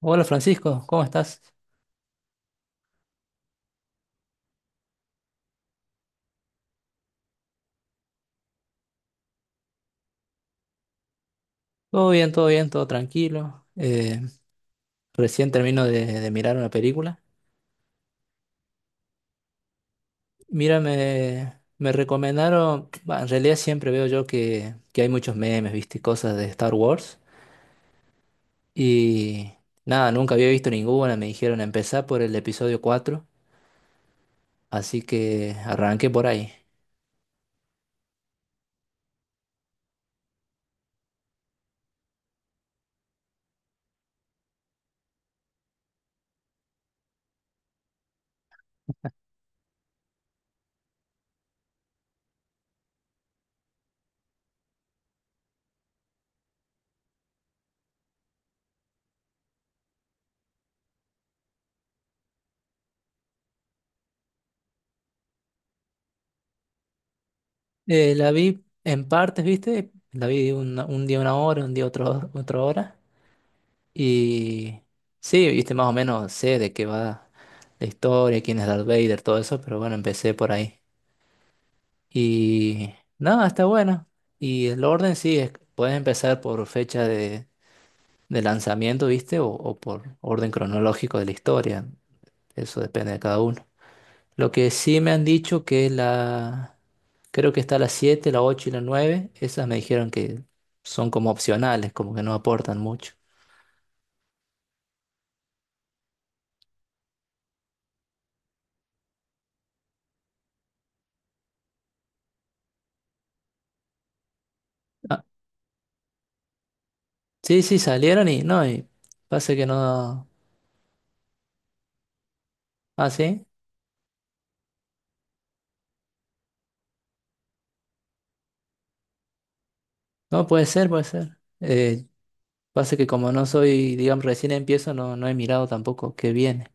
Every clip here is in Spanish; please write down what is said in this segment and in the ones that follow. Hola Francisco, ¿cómo estás? Todo bien, todo bien, todo tranquilo. Recién termino de mirar una película. Mira, me recomendaron, bah, en realidad siempre veo yo que hay muchos memes, viste, y cosas de Star Wars. Y nada, nunca había visto ninguna, me dijeron empezar por el episodio 4, así que arranqué por ahí. La vi en partes, viste, la vi un día una hora, un día otro, otra hora. Y sí, viste, más o menos sé de qué va la historia, quién es Darth Vader, todo eso, pero bueno, empecé por ahí. Y nada, está bueno. Y el orden sí, puedes empezar por fecha de lanzamiento, viste, o por orden cronológico de la historia. Eso depende de cada uno. Lo que sí me han dicho que la. Creo que está la siete, la 8 y la nueve. Esas me dijeron que son como opcionales, como que no aportan mucho. Ah, sí, sí, salieron y no, y pasa que no. Ah, sí. No, puede ser, puede ser. Pasa que como no soy, digamos, recién empiezo, no he mirado tampoco qué viene.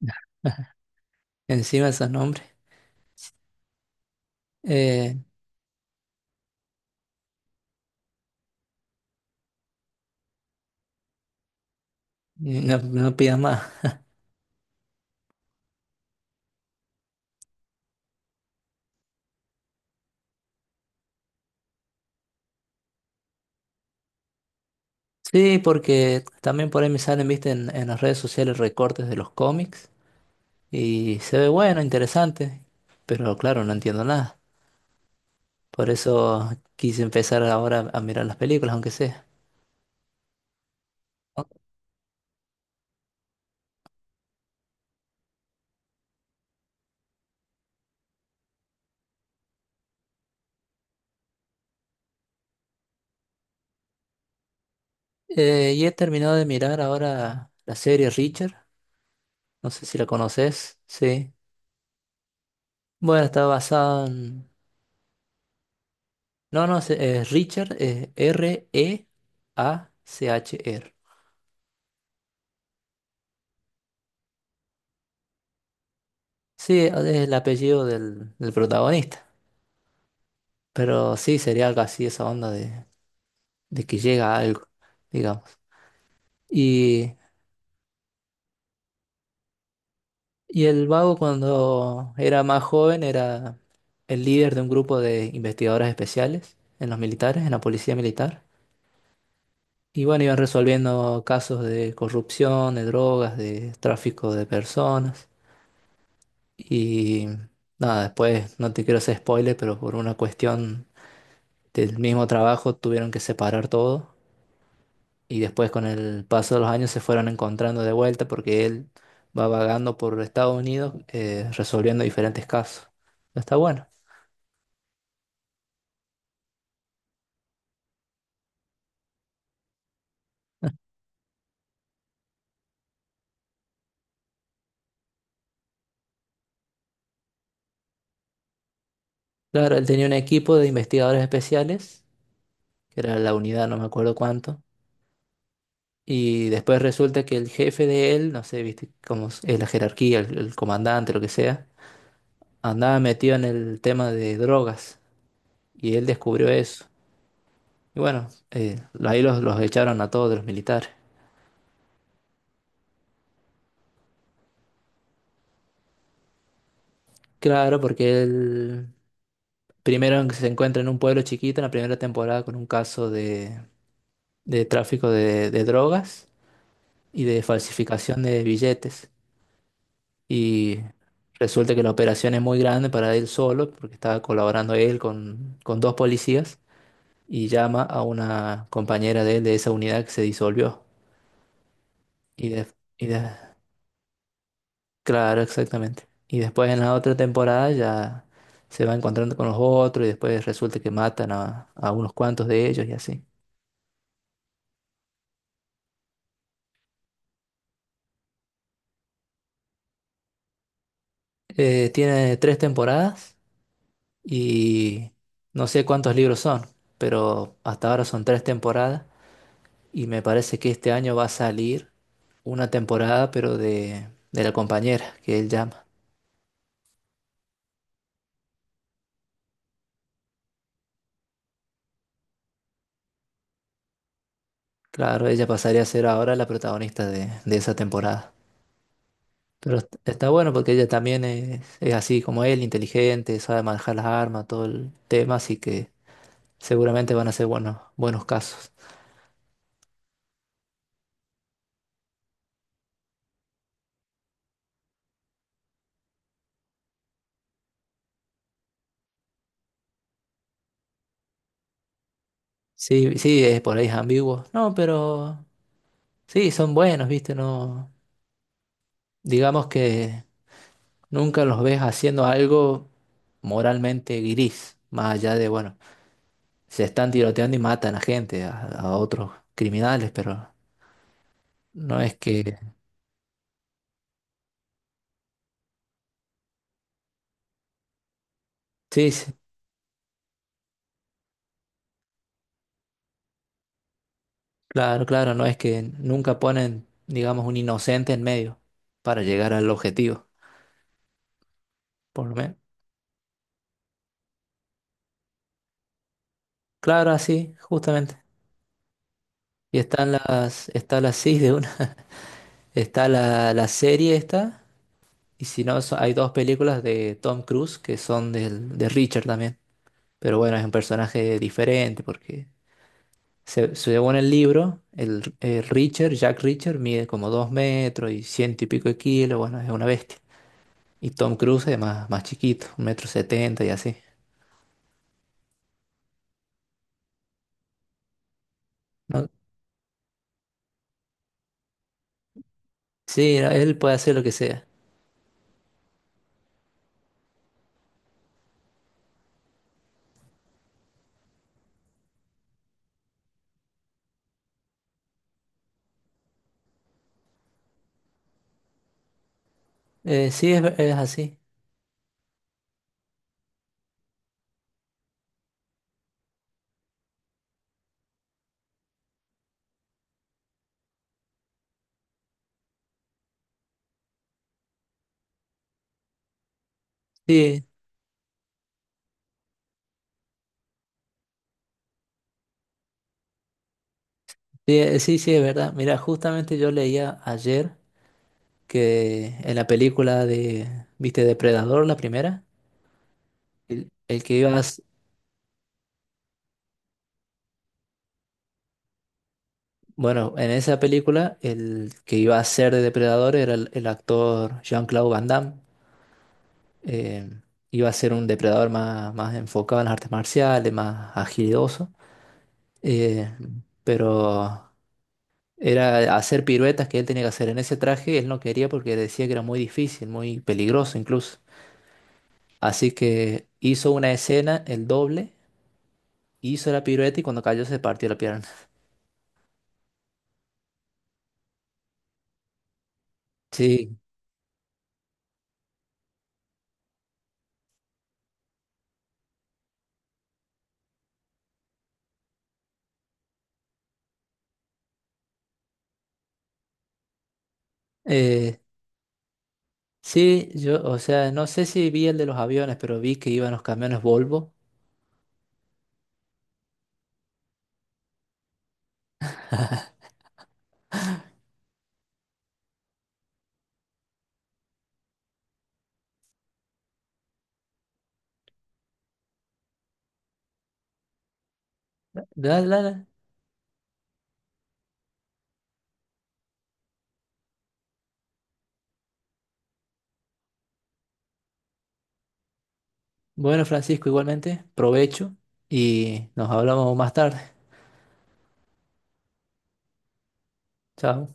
Encima esos nombres. Eh, no, no pidas más. Sí, porque también por ahí me salen, viste, en las redes sociales recortes de los cómics y se ve bueno, interesante, pero claro, no entiendo nada. Por eso quise empezar ahora a mirar las películas, aunque sea. Y he terminado de mirar ahora la serie Richard. No sé si la conoces. Sí. Bueno, está basada en. No, no, es Richard, es Reachr. Sí, es el apellido del protagonista. Pero sí, sería algo así, esa onda de que llega a algo, digamos. Y, y el vago, cuando era más joven, era el líder de un grupo de investigadores especiales en los militares, en la policía militar. Y bueno, iban resolviendo casos de corrupción, de drogas, de tráfico de personas. Y nada, después no te quiero hacer spoiler, pero por una cuestión del mismo trabajo tuvieron que separar todo. Y después con el paso de los años se fueron encontrando de vuelta porque él va vagando por Estados Unidos, resolviendo diferentes casos. Está bueno. Claro, él tenía un equipo de investigadores especiales, que era la unidad, no me acuerdo cuánto. Y después resulta que el jefe de él, no sé, viste, como es la jerarquía, el comandante, lo que sea, andaba metido en el tema de drogas. Y él descubrió eso. Y bueno, ahí los echaron a todos los militares. Claro, porque él primero se encuentra en un pueblo chiquito en la primera temporada con un caso de tráfico de drogas y de falsificación de billetes. Y resulta que la operación es muy grande para él solo, porque estaba colaborando él con dos policías. Y llama a una compañera de él de esa unidad que se disolvió. Y, y de- claro, exactamente. Y después en la otra temporada ya se va encontrando con los otros y después resulta que matan a unos cuantos de ellos y así. Tiene tres temporadas y no sé cuántos libros son, pero hasta ahora son tres temporadas y me parece que este año va a salir una temporada, pero de la compañera que él llama. Claro, ella pasaría a ser ahora la protagonista de esa temporada. Pero está bueno porque ella también es así como él, inteligente, sabe manejar las armas, todo el tema, así que seguramente van a ser buenos, buenos casos. Sí, sí, es por ahí es ambiguo. No, pero sí, son buenos, ¿viste? No, digamos que nunca los ves haciendo algo moralmente gris, más allá de, bueno, se están tiroteando y matan a gente, a otros criminales, pero no es que. Sí, sí. Claro, claro, no es que nunca ponen, digamos, un inocente en medio para llegar al objetivo, por lo menos. Claro, así, justamente. Y están las, está la sí de una, está la serie esta, y si no, hay dos películas de Tom Cruise que son de Richard también. Pero bueno, es un personaje diferente porque según el libro, el Richard, Jack Richard, mide como 2 metros y ciento y pico de kilos, bueno, es una bestia. Y Tom Cruise es más chiquito, un metro setenta y así. No, sí, no, él puede hacer lo que sea. Sí, es así. Sí, sí, sí, sí, es verdad. Mira, justamente yo leía ayer que en la película de, ¿viste? Depredador, la primera, el que iba a, bueno, en esa película, el que iba a ser de depredador era el actor Jean-Claude Van Damme. Eh, Iba a ser un depredador más, más enfocado en las artes marciales, más agilidoso. Eh, pero era hacer piruetas que él tenía que hacer en ese traje, él no quería porque decía que era muy difícil, muy peligroso incluso. Así que hizo una escena, el doble, hizo la pirueta y cuando cayó se partió la pierna. Sí, eh, sí, yo, o sea, no sé si vi el de los aviones, pero vi que iban los camiones Volvo. Dale, dale. Bueno, Francisco, igualmente, provecho y nos hablamos más tarde. Chao.